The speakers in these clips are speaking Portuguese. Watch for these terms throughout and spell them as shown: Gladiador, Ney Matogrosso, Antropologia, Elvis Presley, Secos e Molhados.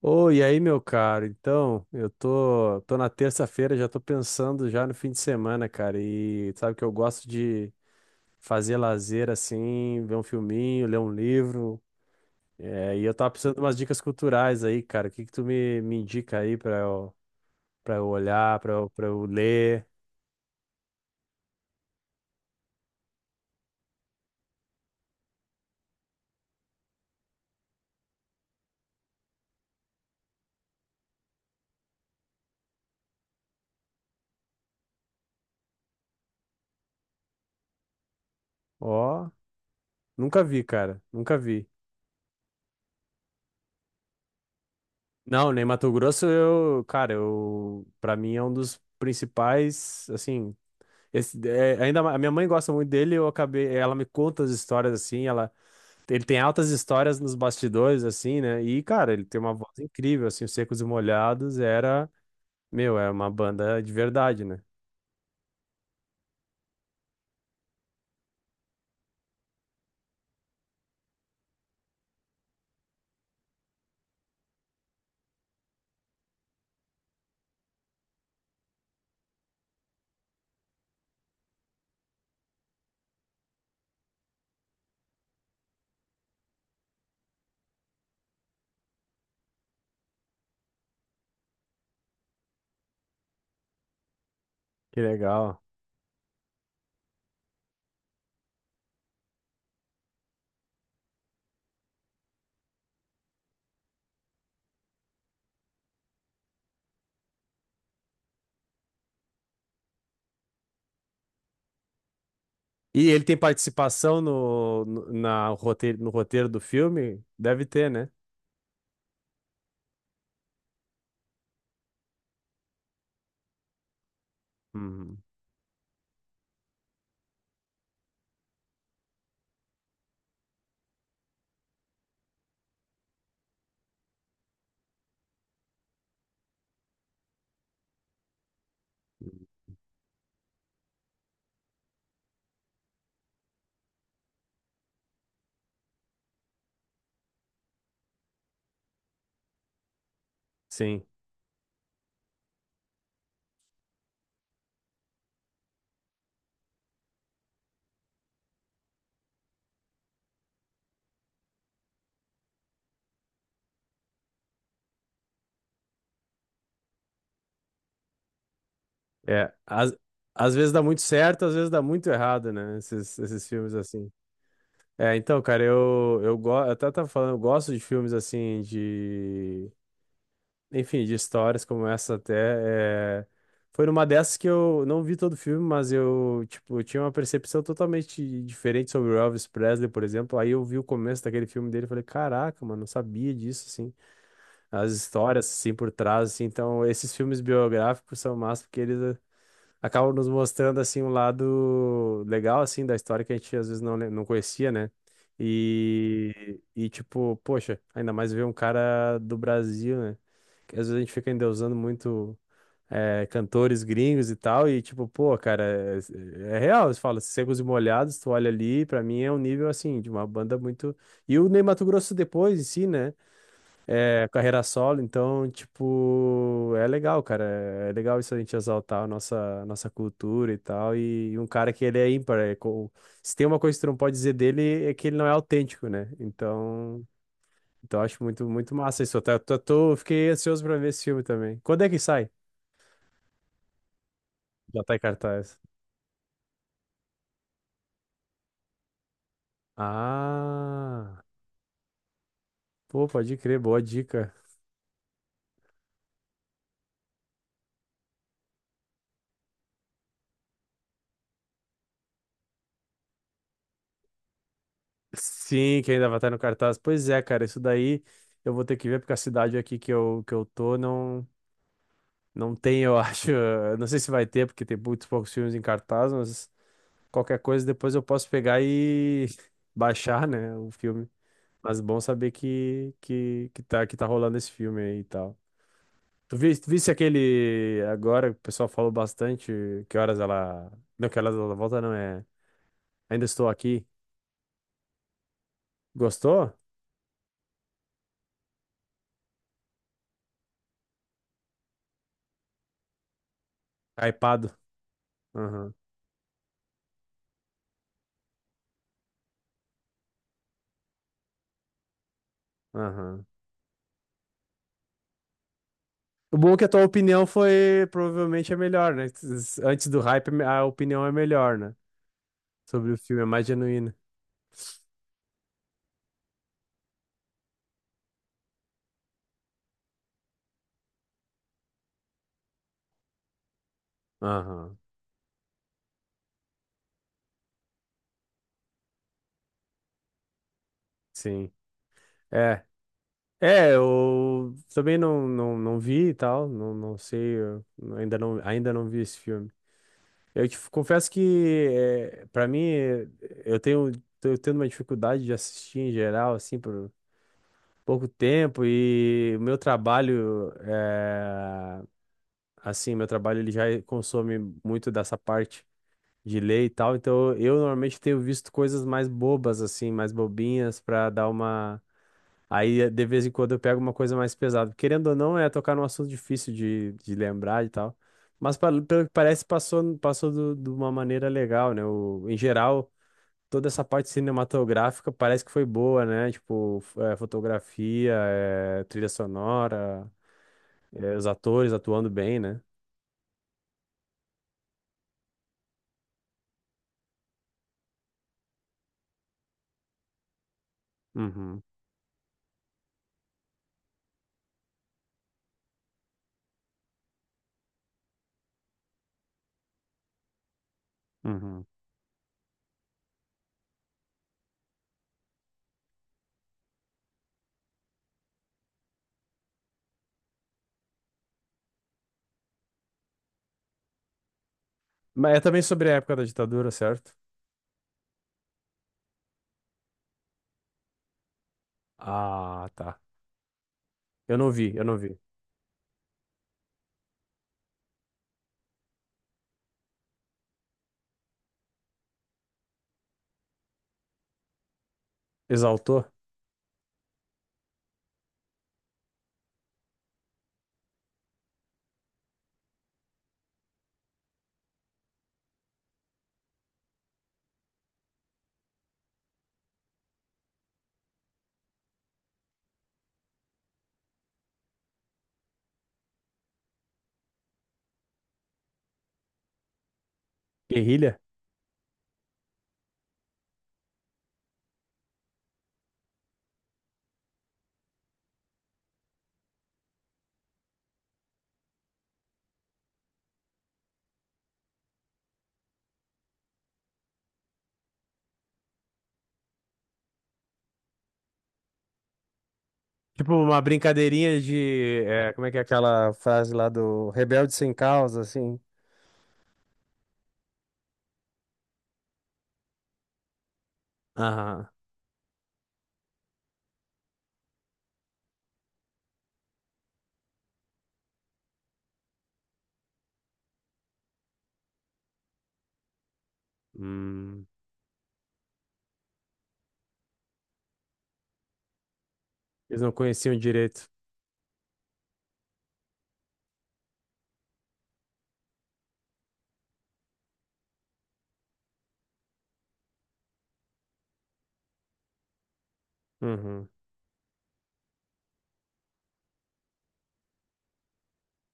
Oi, e aí, meu caro? Então, eu tô na terça-feira, já tô pensando já no fim de semana, cara. E sabe que eu gosto de fazer lazer assim, ver um filminho, ler um livro. É, e eu tava precisando de umas dicas culturais aí, cara. O que que tu me indica aí pra eu olhar, pra eu ler? Ó, nunca vi, cara. Nunca vi. Não, nem Mato Grosso, pra mim é um dos principais, assim. Esse, é, ainda ma- A minha mãe gosta muito dele, eu acabei, ela me conta as histórias assim, ela ele tem altas histórias nos bastidores assim, né? E cara, ele tem uma voz incrível assim, os Secos e Molhados era, meu, é uma banda de verdade, né? Que legal. E ele tem participação no roteiro do filme? Deve ter, né? Uhum. Sim. É, às, Às vezes dá muito certo, às vezes dá muito errado, né? Esses filmes assim. É, então, cara, eu até tava falando, eu gosto de filmes assim, de. Enfim, de histórias como essa até. É, foi numa dessas que eu não vi todo o filme, mas eu, tipo, tinha uma percepção totalmente diferente sobre o Elvis Presley, por exemplo. Aí eu vi o começo daquele filme dele e falei, caraca, mano, não sabia disso, assim. As histórias, assim, por trás, assim. Então, esses filmes biográficos são massa porque eles acabam nos mostrando assim um lado legal assim da história que a gente às vezes não conhecia, né? E tipo, poxa, ainda mais ver um cara do Brasil, né? Que às vezes a gente fica endeusando muito cantores gringos e tal, e tipo, pô, cara, é real, você fala, Secos e Molhados, tu olha ali, pra mim é um nível assim, de uma banda muito. E o Ney Matogrosso depois em si, né? É, carreira solo, então, tipo, é legal, cara. É legal isso a gente exaltar a nossa cultura e tal. E, um cara que ele é ímpar. Se tem uma coisa que tu não pode dizer dele é que ele não é autêntico, né? Então eu acho muito, muito massa isso. Eu tô, tô- tô- Fiquei ansioso pra ver esse filme também. Quando é que sai? Já tá em cartaz. Ah, pô, pode crer, boa dica. Sim, que ainda vai estar no cartaz. Pois é, cara, isso daí eu vou ter que ver porque a cidade aqui que eu tô não. Não tem, eu acho. Não sei se vai ter, porque tem muitos poucos filmes em cartaz, mas qualquer coisa depois eu posso pegar e baixar, né, o filme. Mas bom saber que tá rolando esse filme aí e tal. Tu viste aquele agora, o pessoal falou bastante, que horas ela. Não, que horas ela volta, não é. Ainda estou aqui. Gostou? Hypado. Aham, aham. O bom é que a tua opinião foi provavelmente a melhor, né? Antes do hype, a opinião é melhor, né? Sobre o filme, é mais genuína. Aham, sim. É. É, eu também não vi e tal, não sei, eu ainda não vi esse filme. Eu te confesso que, é, para mim, é, eu tenho, tô tendo uma dificuldade de assistir em geral, assim, por pouco tempo, e o meu trabalho, é, assim, meu trabalho ele já consome muito dessa parte de ler e tal, então eu normalmente tenho visto coisas mais bobas, assim, mais bobinhas, pra dar uma. Aí, de vez em quando, eu pego uma coisa mais pesada. Querendo ou não, é tocar num assunto difícil de lembrar e tal. Mas, pelo que parece, passou de uma maneira legal, né? O, em geral, toda essa parte cinematográfica parece que foi boa, né? Tipo, fotografia, é, trilha sonora, é, os atores atuando bem, né? Uhum, uhum. Mas é também sobre a época da ditadura, certo? Ah, tá. Eu não vi. Exaltou? Guerrilha? Tipo, uma brincadeirinha de. É, como é que é aquela frase lá do rebelde sem causa, assim? Aham. Hum, eles não conheciam direito. Uhum.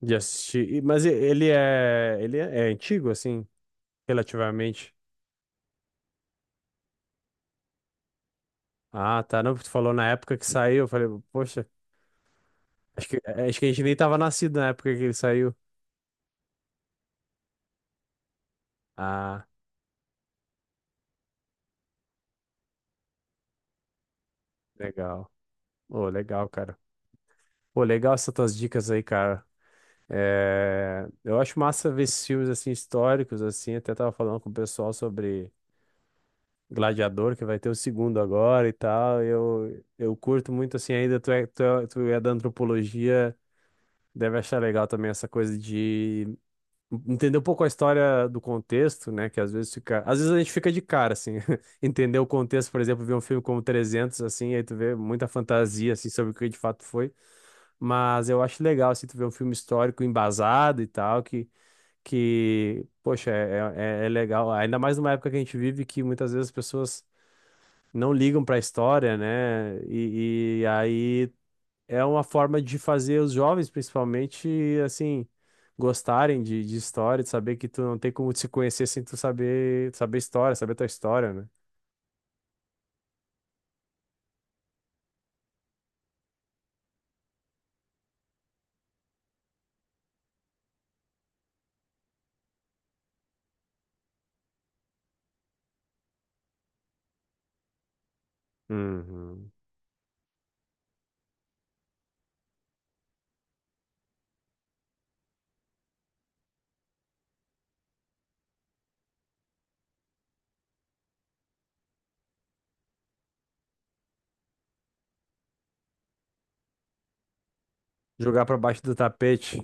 De assistir. Ele é, é antigo, assim, relativamente. Ah, tá. Não, tu falou na época que saiu. Eu falei, poxa, acho que, é, acho que a gente nem tava nascido na época que ele saiu. Ah, legal. Ô, legal, cara. Pô, legal essas tuas dicas aí, cara. É, eu acho massa ver esses filmes assim históricos assim, até tava falando com o pessoal sobre Gladiador, que vai ter o segundo agora e tal. Eu curto muito assim ainda tu é da antropologia, deve achar legal também essa coisa de entender um pouco a história do contexto, né, que às vezes a gente fica de cara assim, entender o contexto, por exemplo, ver um filme como 300 assim, aí tu vê muita fantasia assim sobre o que de fato foi. Mas eu acho legal assim, tu ver um filme histórico embasado e tal, poxa, é legal, ainda mais numa época que a gente vive que muitas vezes as pessoas não ligam para a história, né? E aí é uma forma de fazer os jovens, principalmente, assim, gostarem de história, de saber que tu não tem como te conhecer sem tu saber, saber história, saber tua história, né? Uhum. Jogar para baixo do tapete.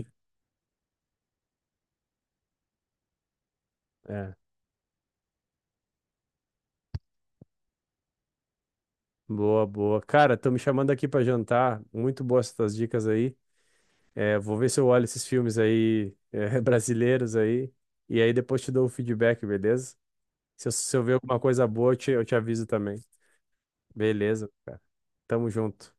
É. Boa, boa. Cara, estão me chamando aqui para jantar. Muito boas essas dicas aí. É, vou ver se eu olho esses filmes aí, é, brasileiros aí, e aí depois te dou o feedback, beleza? Se eu ver alguma coisa boa, eu te aviso também. Beleza, cara. Tamo junto.